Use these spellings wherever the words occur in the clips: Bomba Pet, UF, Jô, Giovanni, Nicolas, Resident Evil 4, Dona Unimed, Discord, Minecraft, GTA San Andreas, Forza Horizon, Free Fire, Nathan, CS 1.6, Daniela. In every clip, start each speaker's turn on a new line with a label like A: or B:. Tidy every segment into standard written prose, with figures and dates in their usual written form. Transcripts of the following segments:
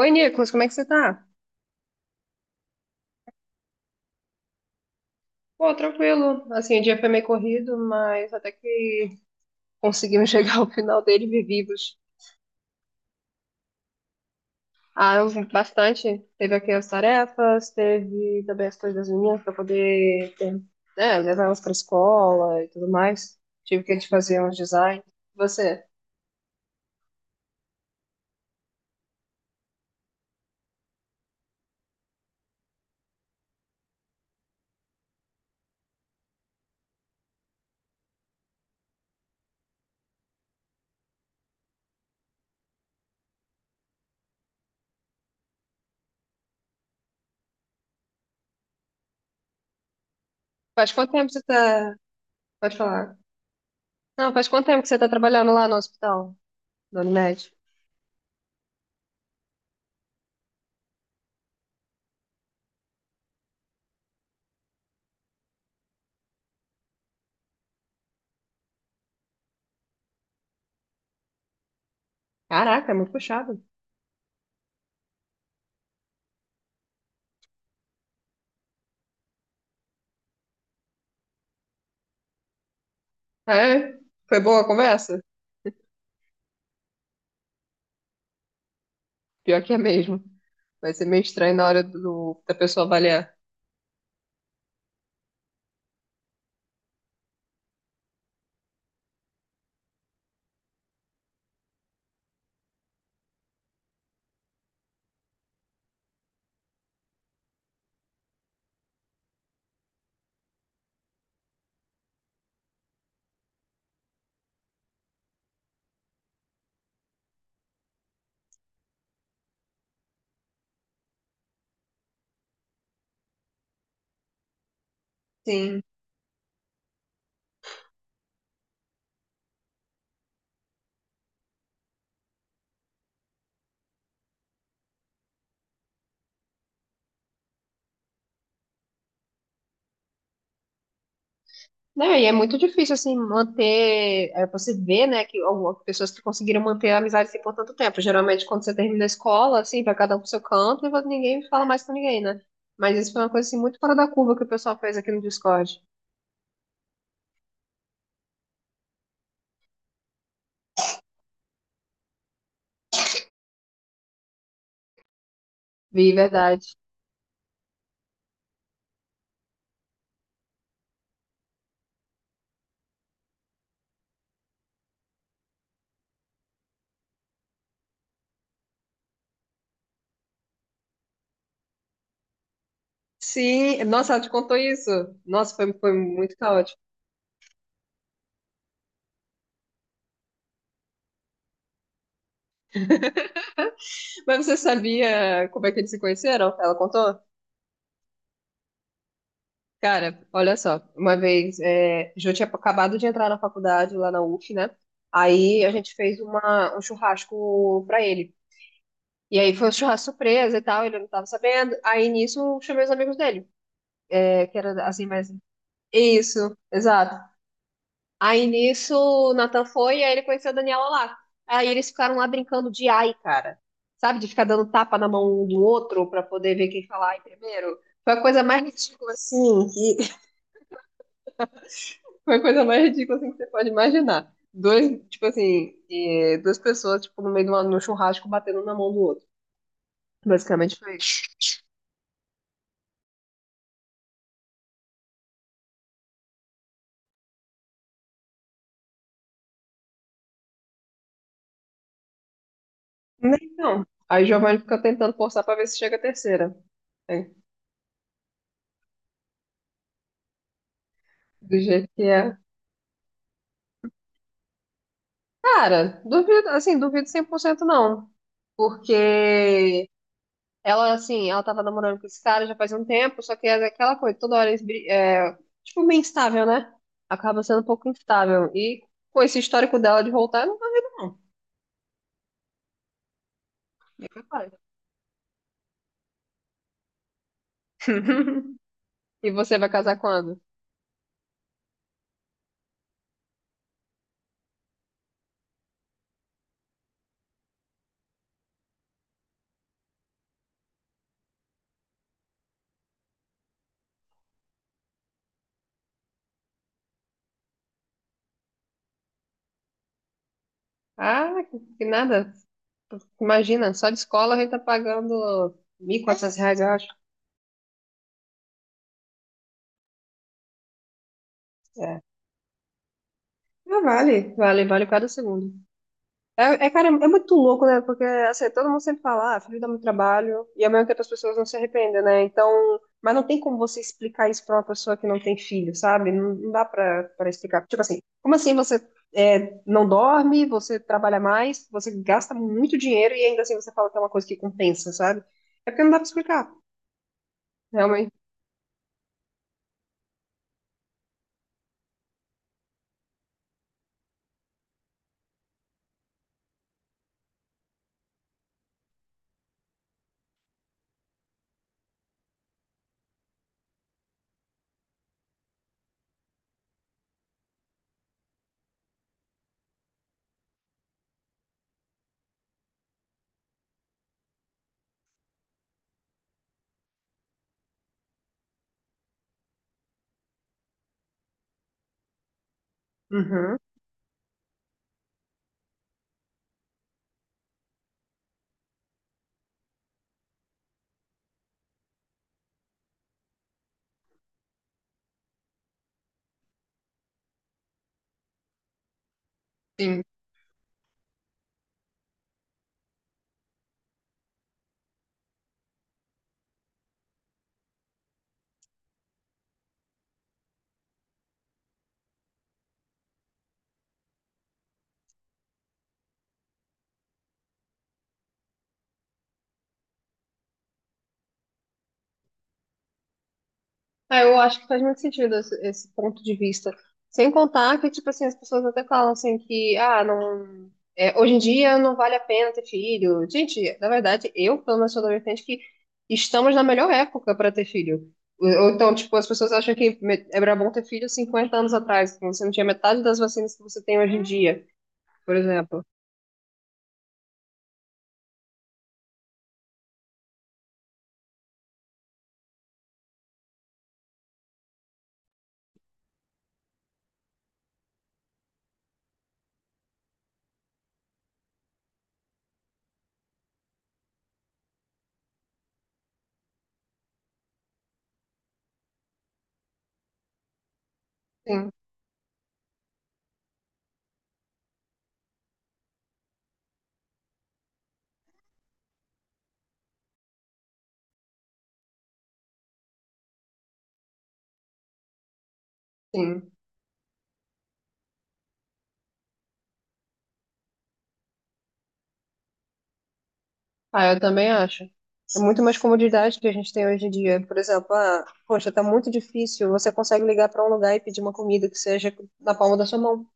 A: Oi, Nicolas, como é que você tá? Pô, tranquilo. Assim, o dia foi meio corrido, mas até que conseguimos chegar ao final dele vivos. Ah, eu vi bastante. Teve aqui as tarefas, teve também as coisas das meninas para poder, né, levar elas para escola e tudo mais. Tive que a gente fazer uns designs. Você, faz quanto tempo você tá... Pode falar. Não, faz quanto tempo que você tá trabalhando lá no hospital, Dona Unimed? Caraca, é muito puxado. É? Foi boa a conversa? Pior que é mesmo. Vai ser meio estranho na hora da pessoa avaliar. Sim. Não, e é muito difícil, assim, manter. Você vê, né, que algumas pessoas que conseguiram manter a amizade assim, por tanto tempo. Geralmente, quando você termina a escola, assim, vai cada um pro seu canto e ninguém fala mais com ninguém, né? Mas isso foi uma coisa, assim, muito fora da curva que o pessoal fez aqui no Discord. Verdade. Sim, nossa, ela te contou isso. Nossa, foi muito caótico. Mas você sabia como é que eles se conheceram? Ela contou? Cara, olha só, uma vez, Jô tinha acabado de entrar na faculdade lá na UF, né? Aí a gente fez um churrasco pra ele. E aí foi um churrasco surpresa e tal, ele não tava sabendo. Aí nisso eu chamei os amigos dele, que era assim, mas. Isso, exato. Aí nisso, o Nathan foi e aí ele conheceu a Daniela lá. Aí eles ficaram lá brincando de ai, cara. Sabe? De ficar dando tapa na mão um do outro pra poder ver quem fala ai primeiro. Foi a coisa mais ridícula, assim, que... Foi a coisa mais ridícula, assim, que você pode imaginar. Dois, tipo assim, duas pessoas, tipo, no churrasco, batendo na mão do outro. Basicamente foi isso. Então, aí o Giovanni fica tentando forçar pra ver se chega a terceira, né? Do jeito que é. Cara, duvido, assim, duvido 100% não. Porque ela, assim, ela tava namorando com esse cara já faz um tempo, só que é aquela coisa, toda hora eles, tipo, meio instável, né? Acaba sendo um pouco instável. E com esse histórico dela de voltar, eu não duvido não. É capaz. E você vai casar quando? Ah, que nada. Imagina, só de escola a gente tá pagando R$ 1.400, eu acho. É. Ah, vale, vale, vale cada segundo. É, cara, é muito louco, né? Porque assim, todo mundo sempre fala, ah, filho dá muito trabalho, e ao mesmo tempo as pessoas não se arrependem, né? Então, mas não tem como você explicar isso pra uma pessoa que não tem filho, sabe? Não, não dá pra explicar. Tipo assim, como assim você não dorme, você trabalha mais, você gasta muito dinheiro e ainda assim você fala que é uma coisa que compensa, sabe? É porque não dá pra explicar, realmente. Uhum. Sim, ah, eu acho que faz muito sentido esse ponto de vista. Sem contar que, tipo assim, as pessoas até falam assim que, ah, não, hoje em dia não vale a pena ter filho. Gente, na verdade, eu, pelo menos, sou da vertente que estamos na melhor época para ter filho. Ou então, tipo, as pessoas acham que era bom ter filho 50 anos atrás, quando você não tinha metade das vacinas que você tem hoje em dia, por exemplo. Sim, sim. Ah, eu também acho. É muito mais comodidade que a gente tem hoje em dia. Por exemplo, ah, poxa, tá muito difícil. Você consegue ligar para um lugar e pedir uma comida que seja na palma da sua mão.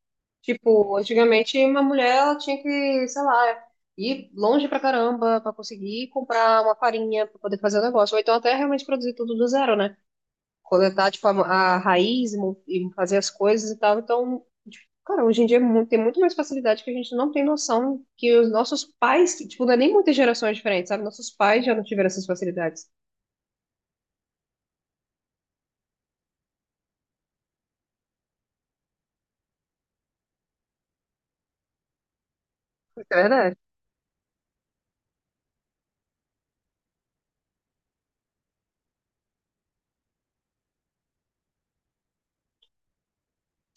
A: Tipo, antigamente uma mulher ela tinha que, sei lá, ir longe pra caramba pra conseguir comprar uma farinha pra poder fazer o negócio. Ou então até realmente produzir tudo do zero, né? Coletar, tipo, a raiz e fazer as coisas e tal. Então, tipo, cara, hoje em dia tem muito mais facilidade que a gente não tem noção que os nossos pais, tipo, não é nem muitas gerações diferentes, sabe? Nossos pais já não tiveram essas facilidades. Isso é verdade.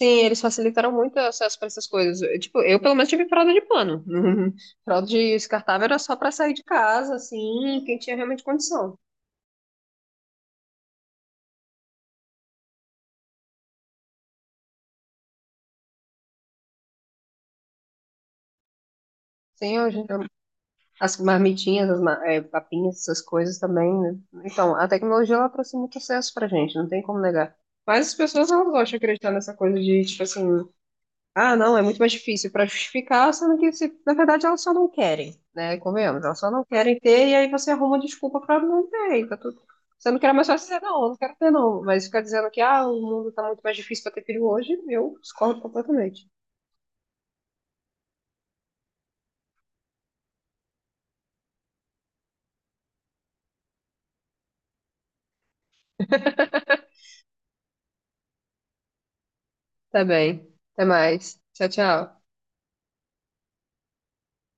A: Sim, eles facilitaram muito o acesso para essas coisas. Tipo, eu pelo menos tive fralda de pano. Fralda de descartável era só para sair de casa, assim, quem tinha realmente condição. Sim, hoje, as marmitinhas, papinhas, essas coisas também, né? Então, a tecnologia ela trouxe muito acesso pra gente, não tem como negar. Mas as pessoas elas gostam de acreditar nessa coisa de, tipo assim, ah, não, é muito mais difícil pra justificar, sendo que, na verdade, elas só não querem, né? Convenhamos, elas só não querem ter, e aí você arruma desculpa pra não ter, e tá tudo. Sendo que era mais fácil dizer, não, eu não quero ter, não. Mas ficar dizendo que, ah, o mundo tá muito mais difícil pra ter filho hoje, eu discordo completamente. Tá bem. Até mais. Tchau, tchau.